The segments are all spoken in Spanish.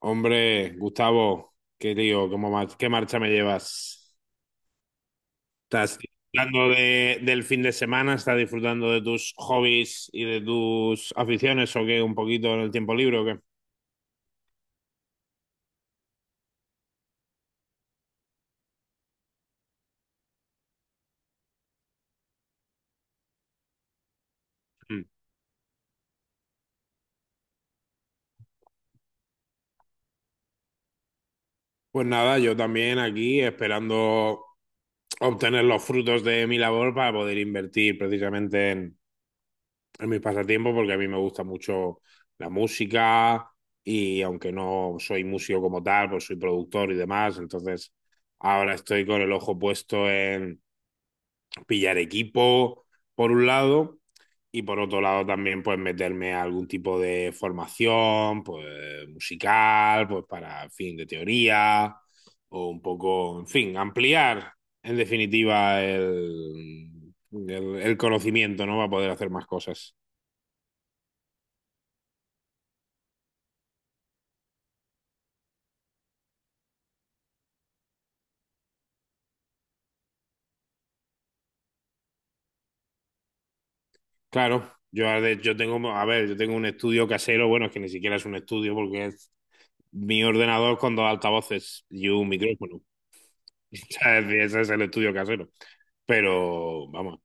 Hombre, Gustavo, qué lío, qué marcha me llevas. ¿Estás disfrutando del fin de semana? ¿Estás disfrutando de tus hobbies y de tus aficiones o qué? ¿Un poquito en el tiempo libre o qué? Mm. Pues nada, yo también aquí esperando obtener los frutos de mi labor para poder invertir precisamente en mis pasatiempos porque a mí me gusta mucho la música y aunque no soy músico como tal, pues soy productor y demás, entonces ahora estoy con el ojo puesto en pillar equipo por un lado y por otro lado también pues meterme a algún tipo de formación pues musical, pues para en fin de teoría o un poco, en fin, ampliar en definitiva el conocimiento, ¿no? Para poder hacer más cosas. Claro, yo, yo tengo, a ver, yo tengo un estudio casero, bueno, es que ni siquiera es un estudio porque es mi ordenador con dos altavoces y un micrófono. Ese es el estudio casero. Pero vamos,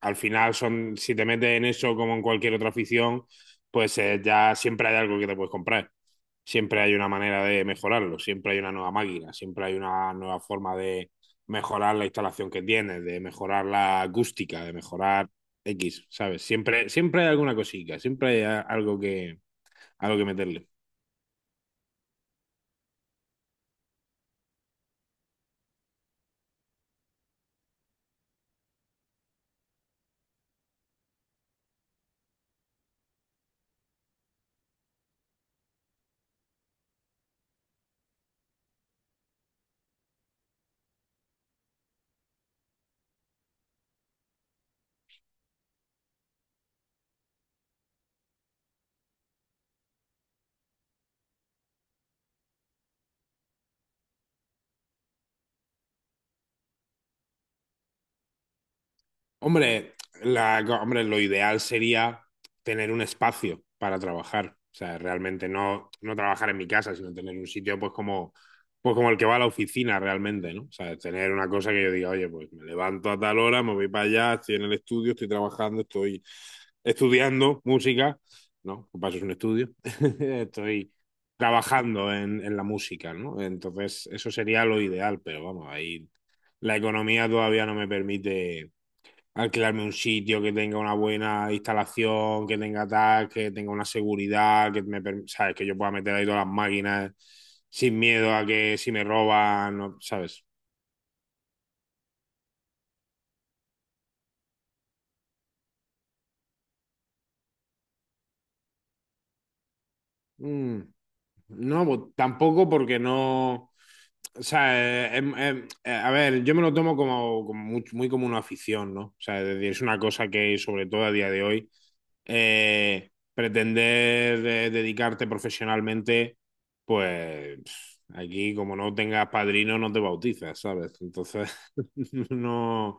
al final son, si te metes en eso como en cualquier otra afición, pues ya siempre hay algo que te puedes comprar. Siempre hay una manera de mejorarlo, siempre hay una nueva máquina, siempre hay una nueva forma de mejorar la instalación que tienes, de mejorar la acústica, de mejorar X, ¿sabes? Siempre, siempre hay alguna cosica, algo que meterle. Hombre, la, hombre, lo ideal sería tener un espacio para trabajar. O sea, realmente no, no trabajar en mi casa, sino tener un sitio pues como el que va a la oficina realmente, ¿no? O sea, tener una cosa que yo diga, oye, pues me levanto a tal hora, me voy para allá, estoy en el estudio, estoy trabajando, estoy estudiando música, ¿no? Por Paso es un estudio, estoy trabajando en la música, ¿no? Entonces, eso sería lo ideal, pero vamos, ahí la economía todavía no me permite alquilarme un sitio que tenga una buena instalación, que tenga tal, que tenga una seguridad, sabes, que yo pueda meter ahí todas las máquinas sin miedo a que si me roban, ¿sabes? Mm. No, pues, tampoco porque no. O sea, a ver, yo me lo tomo como, como muy, muy como una afición, ¿no? O sea, es decir, es una cosa que, sobre todo a día de hoy, pretender dedicarte profesionalmente, pues pf, aquí como no tengas padrino no te bautizas, ¿sabes? Entonces, no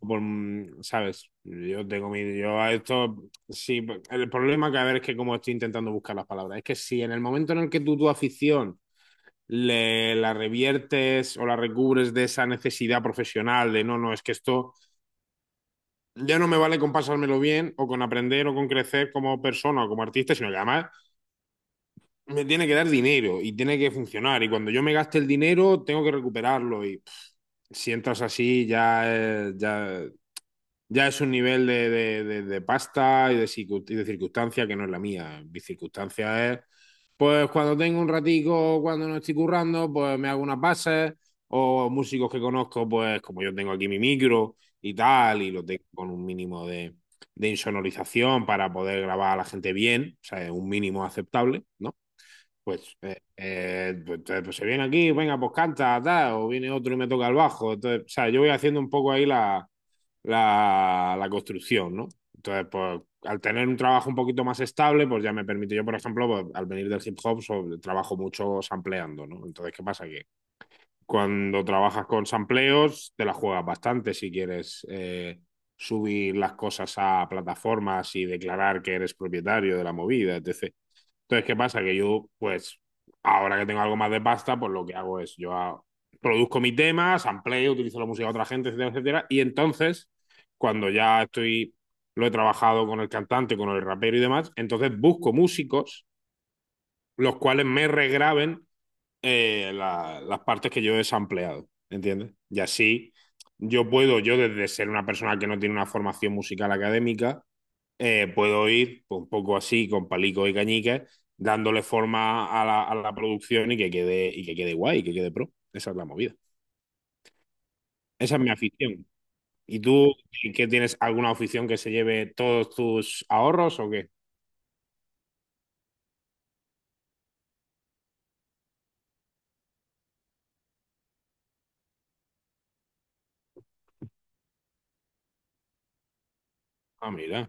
por, mm, ¿sabes? Yo tengo mi... Yo a esto... Sí, el problema que a ver es que como estoy intentando buscar las palabras, es que si en el momento en el que tú tu afición le, la reviertes o la recubres de esa necesidad profesional de no, no, es que esto ya no me vale con pasármelo bien o con aprender o con crecer como persona o como artista, sino que además me tiene que dar dinero y tiene que funcionar y cuando yo me gaste el dinero tengo que recuperarlo y si entras así ya, ya es un nivel de, de pasta y de, y de circunstancia que no es la mía. Mi circunstancia es, pues cuando tengo un ratico, cuando no estoy currando, pues me hago unas bases o músicos que conozco, pues como yo tengo aquí mi micro y tal, y lo tengo con un mínimo de insonorización para poder grabar a la gente bien, o sea, un mínimo aceptable, ¿no? Pues, pues se viene aquí, venga, pues canta, tal, o viene otro y me toca el bajo. Entonces, o sea, yo voy haciendo un poco ahí la, la, la construcción, ¿no? Entonces, pues al tener un trabajo un poquito más estable, pues ya me permite, yo por ejemplo, pues, al venir del hip hop, trabajo mucho sampleando, ¿no? Entonces, ¿qué pasa? Que cuando trabajas con sampleos, te la juegas bastante si quieres subir las cosas a plataformas y declarar que eres propietario de la movida, etc. Entonces, ¿qué pasa? Que yo, pues, ahora que tengo algo más de pasta, pues lo que hago es, produzco mis temas, amplio, utilizo la música de otra gente, etcétera, etcétera. Y entonces, cuando ya estoy, lo he trabajado con el cantante, con el rapero y demás, entonces busco músicos los cuales me regraben las partes que yo he sampleado, ¿entiendes? Y así yo puedo, yo desde ser una persona que no tiene una formación musical académica, puedo ir un poco así con palicos y cañicas dándole forma a la producción y que quede guay, que quede pro. Esa es la movida. Esa es mi afición. ¿Y tú qué tienes alguna afición que se lleve todos tus ahorros o qué? Ah, mira.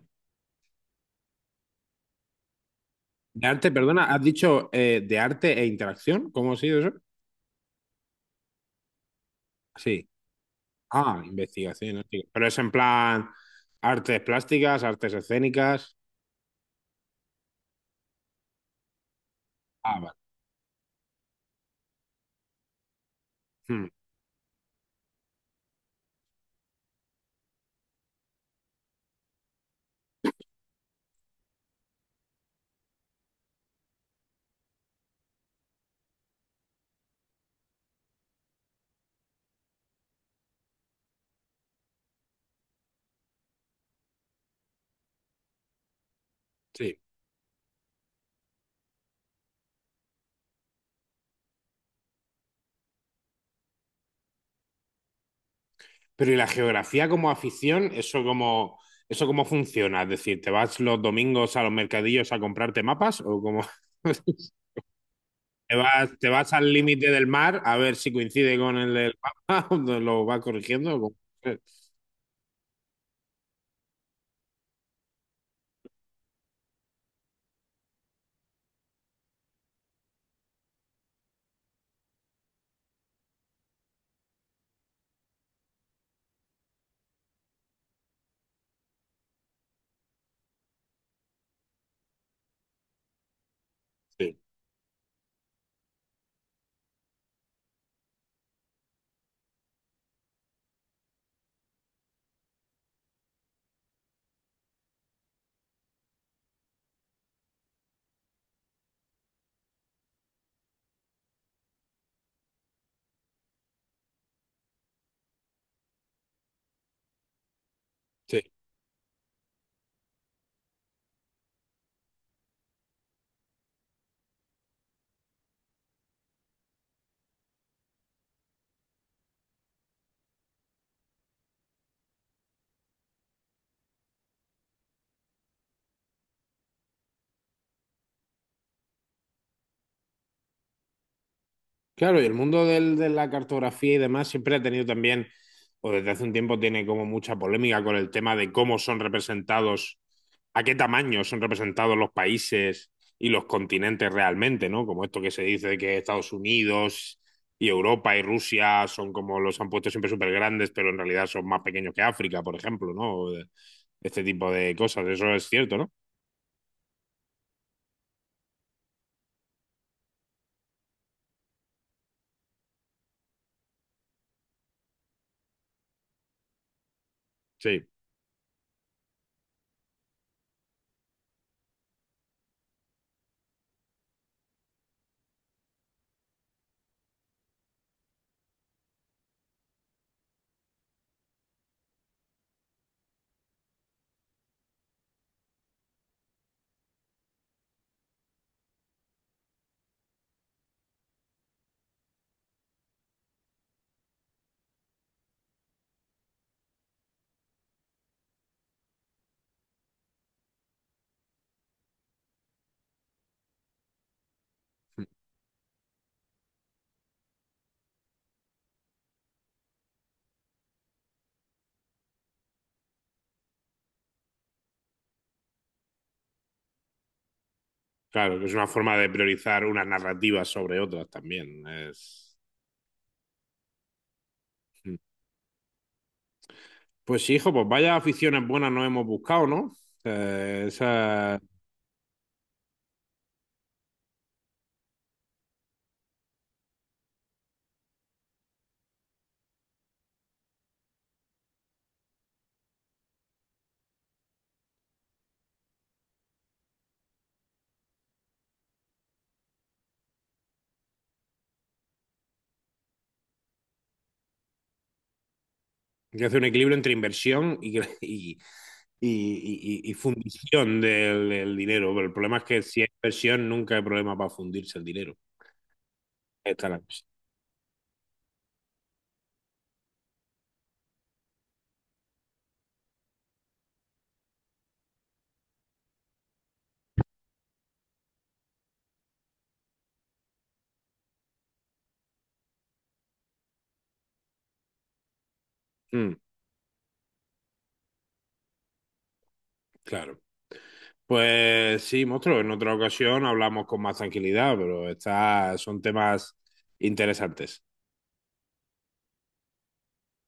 De arte, perdona, has dicho de arte e interacción, ¿cómo ha sido eso? Sí. Ah, investigación. Hostia. Pero es en plan artes plásticas, artes escénicas. Ah, vale. Hmm, sí. Pero ¿y la geografía como afición? Eso cómo funciona? Es decir, ¿te vas los domingos a los mercadillos a comprarte mapas o cómo? Te vas al límite del mar a ver si coincide con el del mapa? ¿Lo vas corrigiendo? ¿O cómo? Sí, sí. Claro, y el mundo de la cartografía y demás siempre ha tenido también, o desde hace un tiempo tiene como mucha polémica con el tema de cómo son representados, a qué tamaño son representados los países y los continentes realmente, ¿no? Como esto que se dice de que Estados Unidos y Europa y Rusia son como los han puesto siempre súper grandes, pero en realidad son más pequeños que África, por ejemplo, ¿no? Este tipo de cosas, eso es cierto, ¿no? Sí, claro, que es una forma de priorizar unas narrativas sobre otras también. Es... Hmm. Pues sí, hijo, pues vaya aficiones buenas nos hemos buscado, ¿no? Esa, que hace un equilibrio entre inversión y, y fundición del, del dinero. Pero el problema es que si hay inversión, nunca hay problema para fundirse el dinero. Ahí está la cosa. Mm, claro. Pues sí, monstruo, en otra ocasión hablamos con más tranquilidad, pero está, son temas interesantes.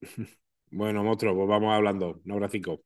Bueno, monstruo, pues vamos hablando. Un abracico.